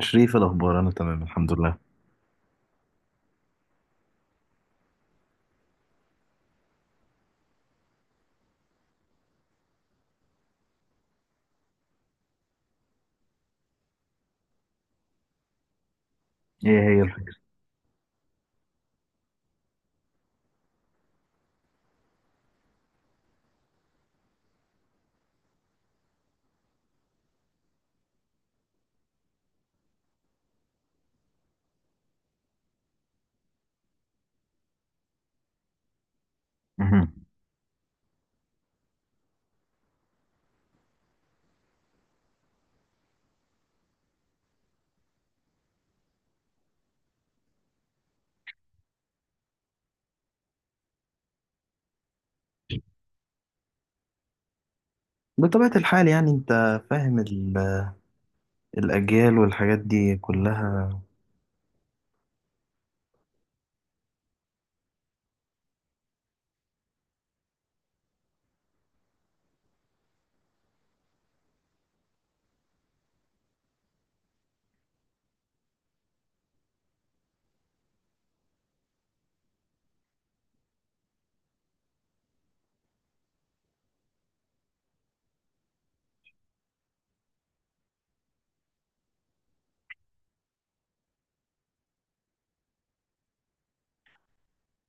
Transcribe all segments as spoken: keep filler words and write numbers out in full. شريف، الأخبار؟ أنا تمام الحمد لله. إيه هي الفكرة؟ مهم. بطبيعة الحال يعني أنت فاهم ال- الأجيال والحاجات دي كلها.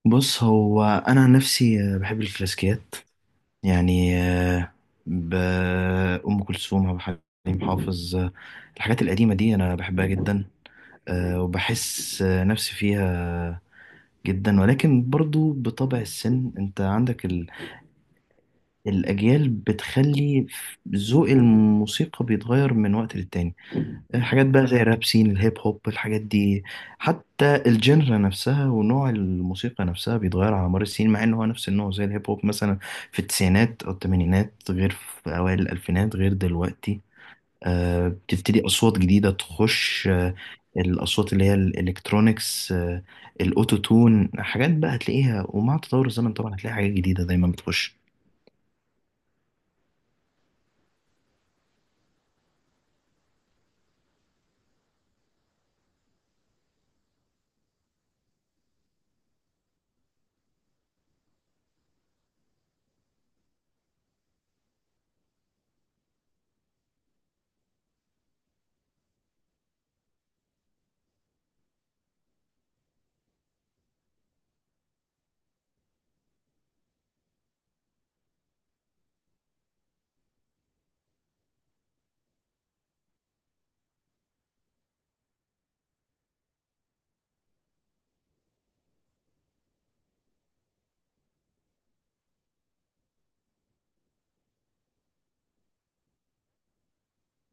بص، هو أنا عن نفسي آه، بحب الكلاسيكيات، يعني آه، ب- أم كلثوم، عبد الحليم حافظ آه، الحاجات القديمة دي أنا بحبها جدا، آه، وبحس آه، نفسي فيها جدا. ولكن برضو بطبع السن انت عندك ال... الأجيال بتخلي ذوق الموسيقى بيتغير من وقت للتاني. حاجات بقى زي الراب سين الهيب هوب، الحاجات دي حتى الجنرا نفسها ونوع الموسيقى نفسها بيتغير على مر السنين، مع ان هو نفس النوع زي الهيب هوب مثلا في التسعينات او الثمانينات غير في اوائل الالفينات غير دلوقتي. آه بتبتدي اصوات جديده تخش، آه الاصوات اللي هي الالكترونيكس، آه الاوتو تون، حاجات بقى هتلاقيها، ومع تطور الزمن طبعا هتلاقي حاجات جديده دايما بتخش.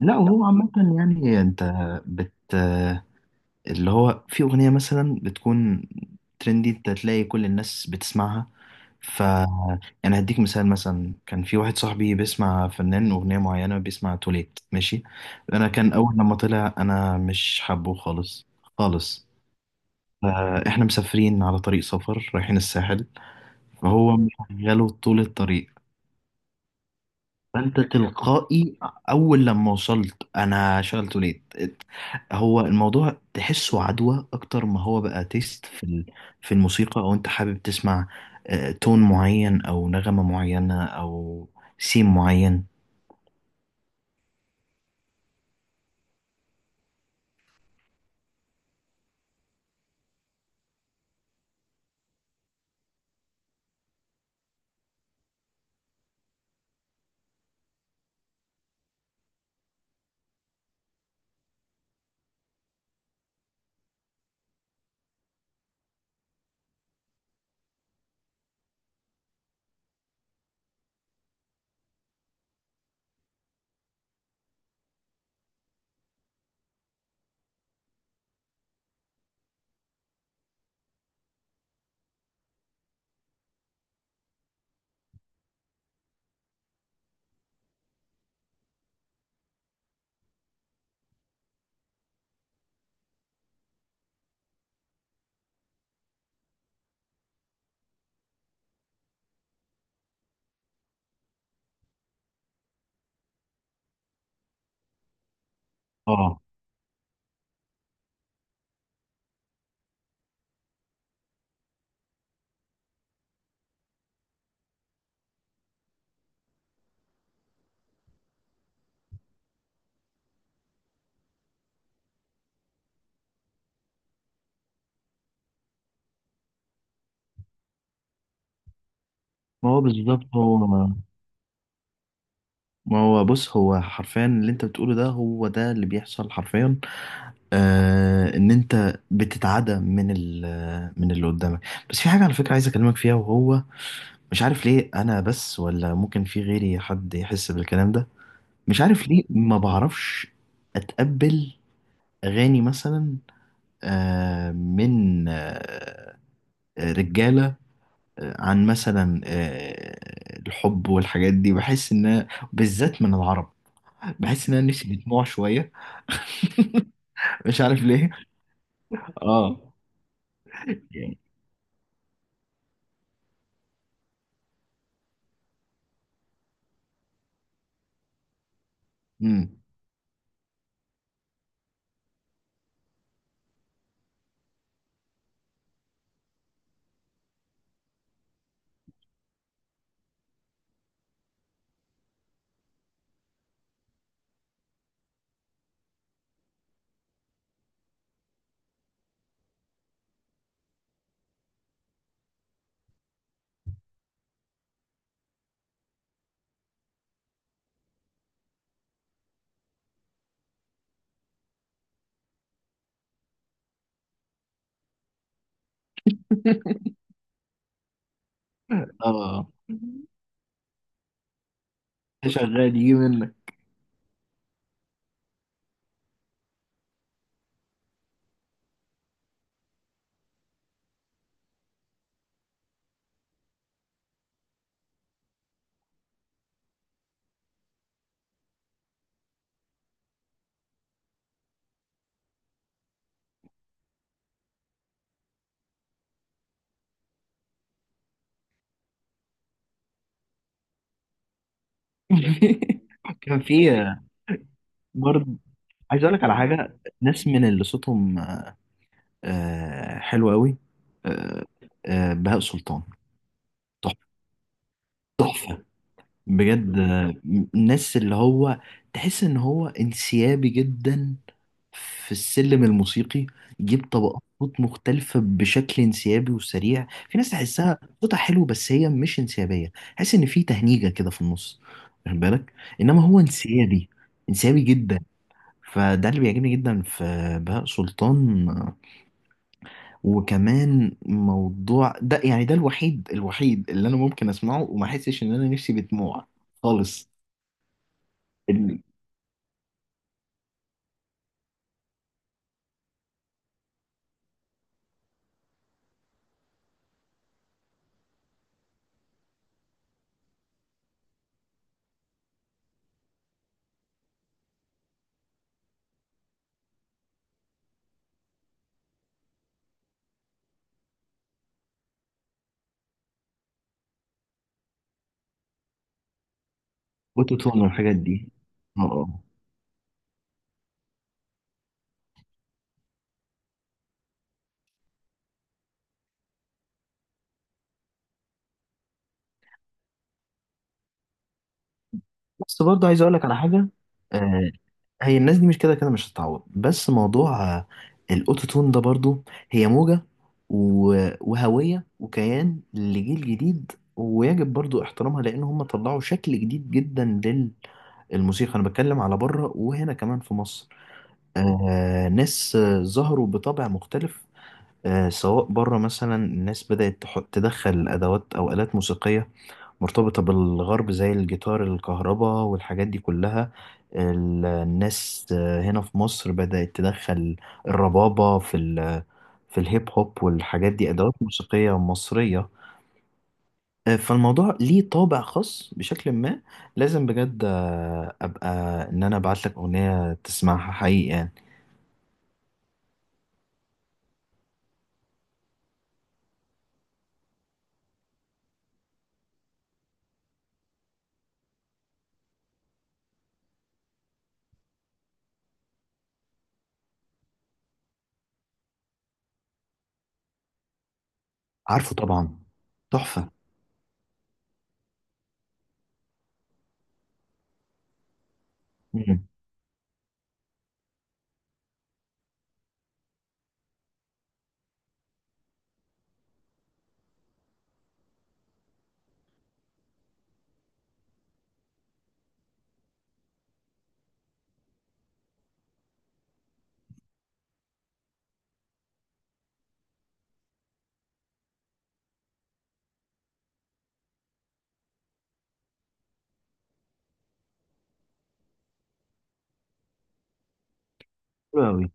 لا، وهو عامة يعني انت بت اللي هو في أغنية مثلا بتكون ترندي انت تلاقي كل الناس بتسمعها. فأنا هديك مثال، مثلا كان في واحد صاحبي بيسمع فنان، أغنية معينة بيسمع، توليت، ماشي؟ أنا كان أول لما طلع أنا مش حابه خالص، خالص. فإحنا مسافرين على طريق سفر رايحين الساحل، فهو مشغله طول الطريق، فانت تلقائي اول لما وصلت انا شغلته ليه. هو الموضوع تحسه عدوى اكتر ما هو بقى تيست في ال- في الموسيقى، او انت حابب تسمع آه، تون معين او نغمة معينة او سيم معين. اه، ما هو بالظبط هو ما هو بص، هو حرفيا اللي انت بتقوله ده هو ده اللي بيحصل حرفيا. آه، ان انت بتتعدى من ال من اللي قدامك. بس في حاجة، على فكرة، عايز اكلمك فيها، وهو مش عارف ليه انا بس ولا ممكن في غيري حد يحس بالكلام ده. مش عارف ليه، ما بعرفش اتقبل اغاني مثلا آه، من آه، رجاله، آه، عن مثلا آه، الحب والحاجات دي. بحس ان أنا- بالذات من العرب بحس ان انا نفسي بدموع شويه، مش عارف ليه. اه يعني امم، اه شغال يجي منك. كان في، برضه عايز اقول لك على حاجه، ناس من اللي صوتهم آه، حلو قوي، آه، آه، بهاء سلطان، تحفه. تحفة. بجد آه، الناس اللي هو تحس ان هو انسيابي جدا في السلم الموسيقي، يجيب طبقات صوت مختلفة بشكل انسيابي وسريع. في ناس تحسها صوتها حلو بس هي مش انسيابية، تحس ان في تهنيجة كده في النص، واخد بالك؟ انما هو انسيابي، انسيابي جدا. فده اللي بيعجبني جدا في بهاء سلطان. وكمان موضوع ده يعني ده الوحيد الوحيد اللي انا ممكن اسمعه وما احسش ان انا نفسي بدموع خالص. الاوتوتون والحاجات دي، اه آه. بس برضه عايز اقول لك على حاجه، آه، هي الناس دي مش كده كده مش هتتعوض، بس موضوع آه، الاوتوتون ده برضه هي موجه و- وهويه وكيان لجيل جديد، ويجب برضو احترامها، لان هم طلعوا شكل جديد جدا للموسيقى. انا بتكلم على بره وهنا كمان في مصر، آه، ناس آه، ظهروا بطبع مختلف. آه، سواء بره مثلا، الناس بدأت تح- تدخل أدوات أو آلات موسيقية مرتبطة بالغرب زي الجيتار الكهرباء والحاجات دي كلها. ال- الناس آه، هنا في مصر بدأت تدخل الربابة في ال في الهيب هوب والحاجات دي، أدوات موسيقية مصرية آه، فالموضوع ليه طابع خاص بشكل ما. لازم بجد آه، أبقى إن أنا أبعت لك أغنية تسمعها حقيقي يعني. عارفه طبعا. تحفة. مم. حلو أوي.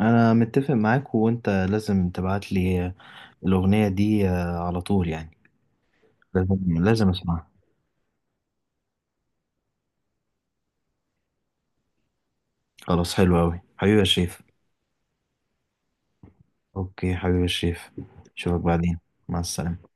أنا متفق معاك، وأنت لازم تبعت لي الأغنية دي آه، على طول يعني، لازم لازم أسمعها. خلاص، حلو أوي حبيبي يا شريف. أوكي حبيبي يا شريف، أشوفك بعدين، مع السلامة.